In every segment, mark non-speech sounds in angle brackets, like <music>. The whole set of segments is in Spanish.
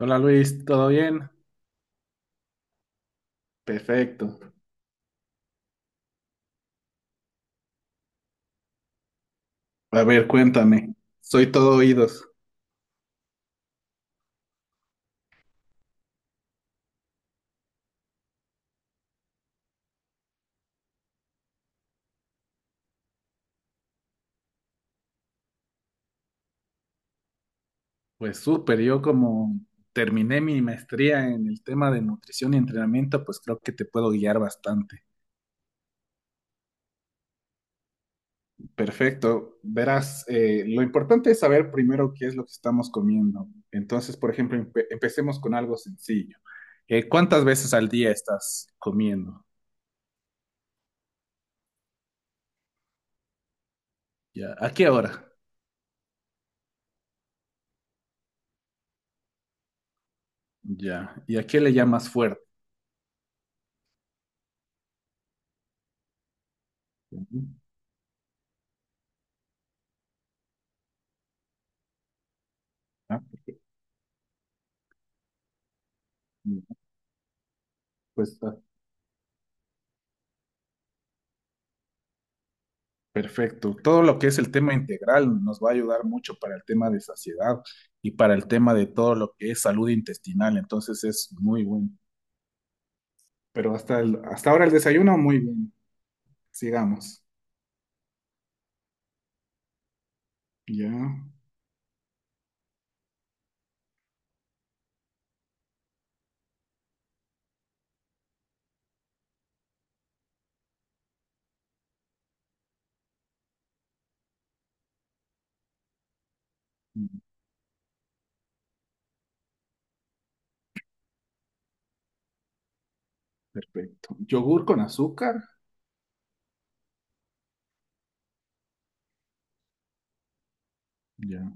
Hola Luis, ¿todo bien? Perfecto. A ver, cuéntame. Soy todo oídos. Pues súper, yo como terminé mi maestría en el tema de nutrición y entrenamiento, pues creo que te puedo guiar bastante. Perfecto. Verás, lo importante es saber primero qué es lo que estamos comiendo. Entonces, por ejemplo, empecemos con algo sencillo. ¿Cuántas veces al día estás comiendo? Ya. ¿A qué hora? Ya. ¿Y a qué le llamas fuerte? Ujú. Ah, pues perfecto. Todo lo que es el tema integral nos va a ayudar mucho para el tema de saciedad y para el tema de todo lo que es salud intestinal. Entonces es muy bueno. Pero hasta, hasta ahora el desayuno, muy bien. Sigamos. Ya. Mm, perfecto. Yogur con azúcar. Ya.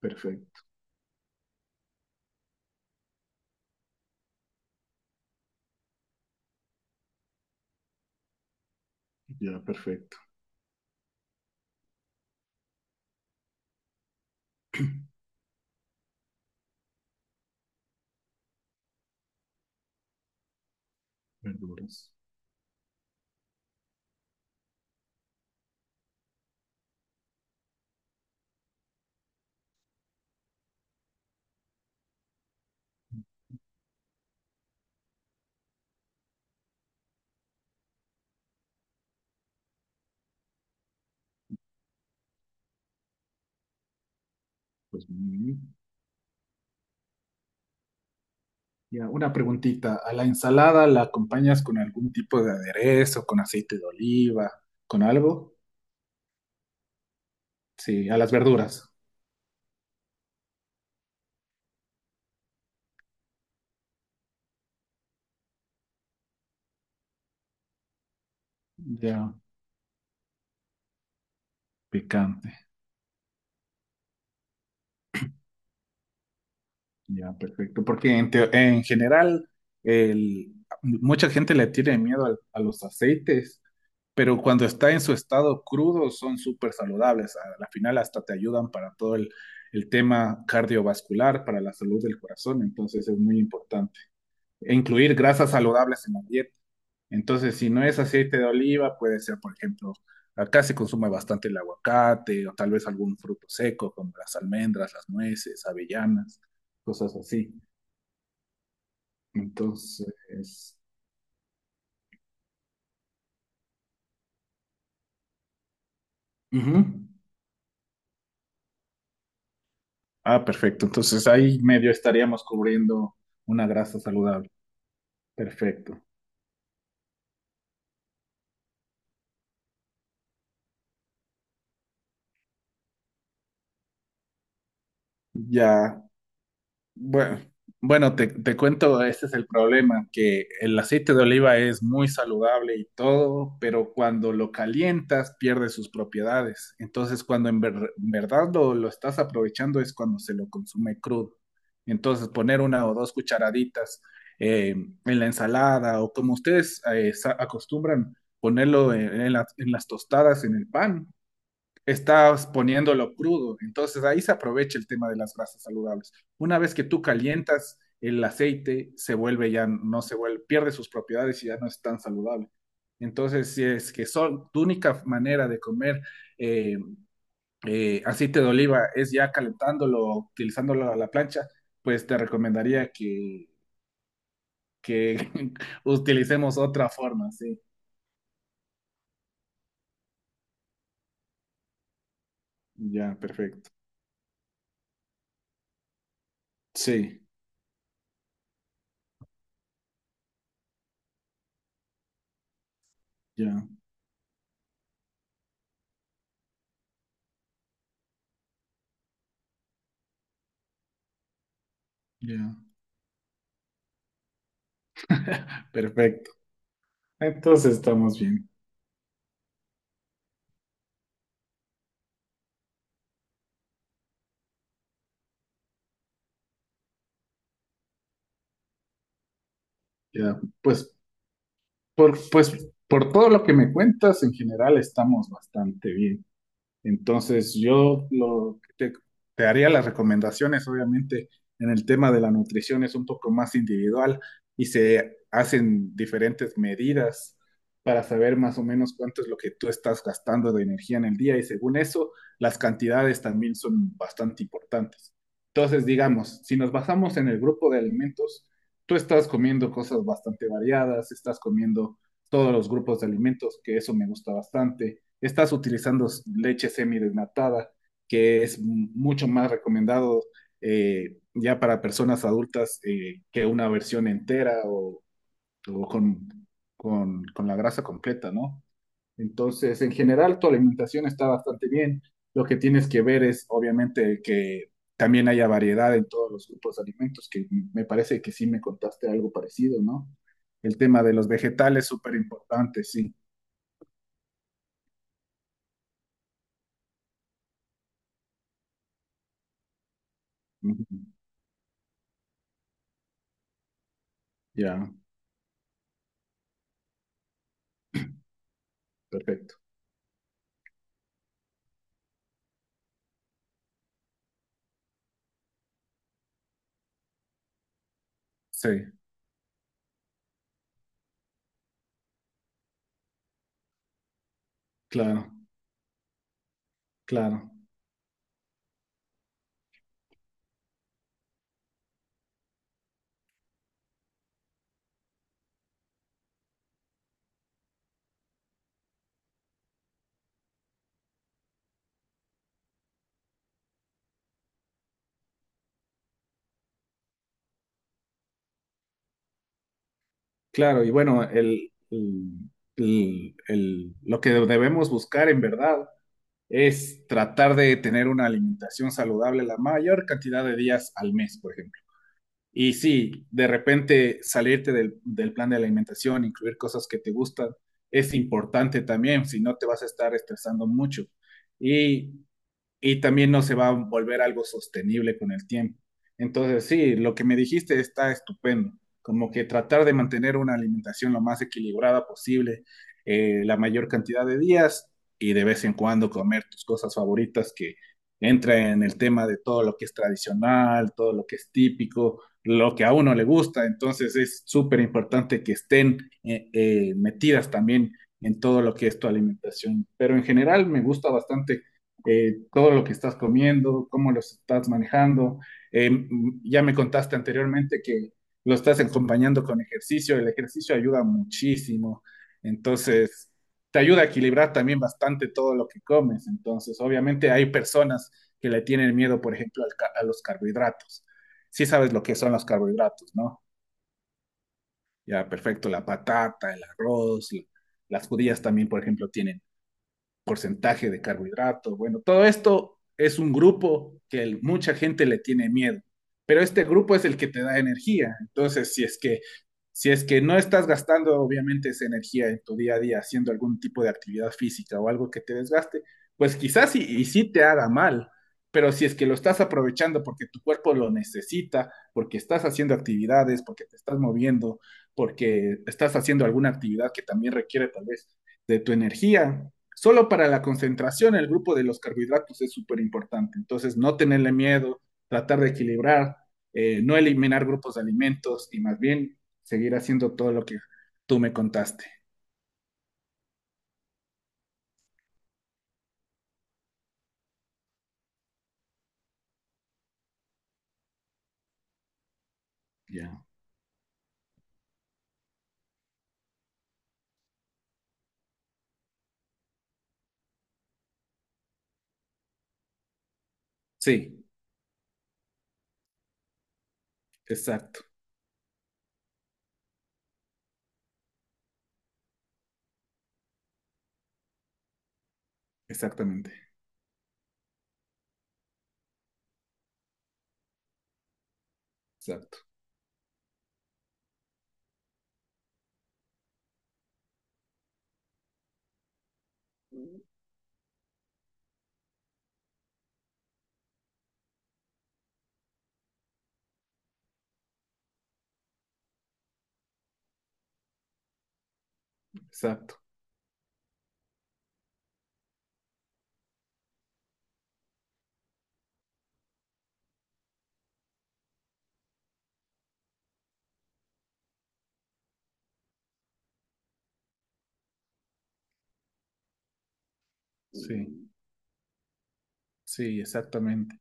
Perfecto. Ya, perfecto. Verduras. Pues muy bien. Ya, una preguntita. ¿A la ensalada la acompañas con algún tipo de aderezo, con aceite de oliva, con algo? Sí, a las verduras. Ya. Picante. Ya, perfecto. Porque en, en general, el, mucha gente le tiene miedo a los aceites, pero cuando está en su estado crudo son súper saludables. A la final hasta te ayudan para todo el tema cardiovascular, para la salud del corazón. Entonces es muy importante. E incluir grasas saludables en la dieta. Entonces, si no es aceite de oliva, puede ser, por ejemplo, acá se consume bastante el aguacate o tal vez algún fruto seco como las almendras, las nueces, avellanas, cosas así. Entonces, ujú. Ah, perfecto. Entonces ahí medio estaríamos cubriendo una grasa saludable. Perfecto. Ya. Bueno, bueno, te cuento, este es el problema, que el aceite de oliva es muy saludable y todo, pero cuando lo calientas pierde sus propiedades. Entonces, cuando en, en verdad lo estás aprovechando es cuando se lo consume crudo. Entonces, poner una o dos cucharaditas eh, en la ensalada o como ustedes acostumbran ponerlo en, en las tostadas, en el pan, estás poniéndolo crudo. Entonces ahí se aprovecha el tema de las grasas saludables. Una vez que tú calientas el aceite, se vuelve ya, no se vuelve, pierde sus propiedades y ya no es tan saludable. Entonces, si es que son, tu única manera de comer eh, aceite de oliva es ya calentándolo, utilizándolo a la plancha, pues te recomendaría que <laughs> utilicemos otra forma, sí. Ya, perfecto. Sí, ya, ya, perfecto. Entonces estamos bien. Ya, pues por, pues por todo lo que me cuentas, en general estamos bastante bien. Entonces, yo lo, que te haría las recomendaciones, obviamente, en el tema de la nutrición es un poco más individual y se hacen diferentes medidas para saber más o menos cuánto es lo que tú estás gastando de energía en el día y según eso, las cantidades también son bastante importantes. Entonces, digamos, si nos basamos en el grupo de alimentos, tú estás comiendo cosas bastante variadas, estás comiendo todos los grupos de alimentos, que eso me gusta bastante, estás utilizando leche semidesnatada, que es mucho más recomendado ya para personas adultas que una versión entera o con, la grasa completa, ¿no? Entonces, en general, tu alimentación está bastante bien. Lo que tienes que ver es, obviamente, que también haya variedad en todos los grupos de alimentos, que me parece que sí me contaste algo parecido, ¿no? El tema de los vegetales, súper importante, sí. Uh -huh. Ya, yeah, perfecto. Sí. Claro, claro, claro. Y bueno, el, lo que debemos buscar en verdad es tratar de tener una alimentación saludable la mayor cantidad de días al mes, por ejemplo. Y sí, de repente salirte del, del plan de alimentación, incluir cosas que te gustan, es importante también, si no te vas a estar estresando mucho. Y también no se va a volver algo sostenible con el tiempo. Entonces, sí, lo que me dijiste está estupendo, como que tratar de mantener una alimentación lo más equilibrada posible, la mayor cantidad de días y de vez en cuando comer tus cosas favoritas que entra en el tema de todo lo que es tradicional, todo lo que es típico, lo que a uno le gusta. Entonces, es súper importante que estén metidas también en todo lo que es tu alimentación. Pero en general me gusta bastante todo lo que estás comiendo, cómo lo estás manejando. Eh, ya me contaste anteriormente que lo estás acompañando con ejercicio, el ejercicio ayuda muchísimo, entonces te ayuda a equilibrar también bastante todo lo que comes, entonces obviamente hay personas que le tienen miedo, por ejemplo, a los carbohidratos. ¿Sí sabes lo que son los carbohidratos, no? Ya, perfecto, la patata, el arroz, las judías también, por ejemplo, tienen porcentaje de carbohidrato. Bueno, todo esto es un grupo que el, mucha gente le tiene miedo, pero este grupo es el que te da energía. Entonces, si es que no estás gastando obviamente esa energía en tu día a día haciendo algún tipo de actividad física o algo que te desgaste, pues quizás y sí te haga mal, pero si es que lo estás aprovechando porque tu cuerpo lo necesita, porque estás haciendo actividades, porque te estás moviendo, porque estás haciendo alguna actividad que también requiere tal vez de tu energía, solo para la concentración, el grupo de los carbohidratos es súper importante. Entonces, no tenerle miedo, tratar de equilibrar, no eliminar grupos de alimentos y más bien seguir haciendo todo lo que tú me contaste. Ya. Sí, exacto, exactamente, exacto, exacto. Sí, sí, exactamente.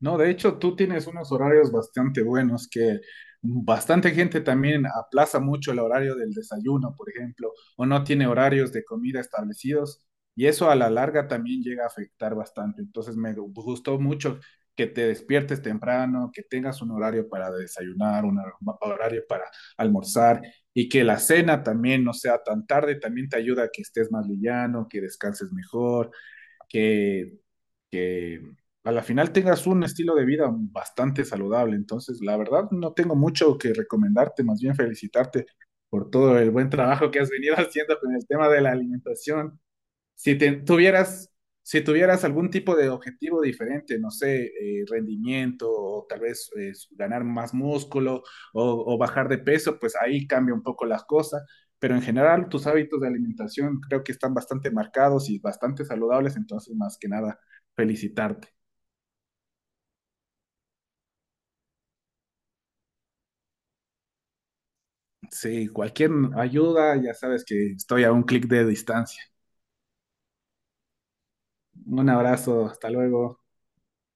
No, de hecho, tú tienes unos horarios bastante buenos que bastante gente también aplaza mucho el horario del desayuno, por ejemplo, o no tiene horarios de comida establecidos y eso a la larga también llega a afectar bastante. Entonces, me gustó mucho que te despiertes temprano, que tengas un horario para desayunar, un horario para almorzar y que la cena también no sea tan tarde, también te ayuda a que estés más liviano, que descanses mejor, que que a la final tengas un estilo de vida bastante saludable. Entonces, la verdad, no tengo mucho que recomendarte, más bien felicitarte por todo el buen trabajo que has venido <laughs> haciendo con el tema de la alimentación. Si tuvieras, si tuvieras algún tipo de objetivo diferente, no sé, rendimiento o tal vez ganar más músculo o bajar de peso, pues ahí cambia un poco las cosas. Pero en general, tus hábitos de alimentación creo que están bastante marcados y bastante saludables, entonces más que nada, felicitarte. Sí, cualquier ayuda, ya sabes que estoy a un clic de distancia. Un abrazo, hasta luego.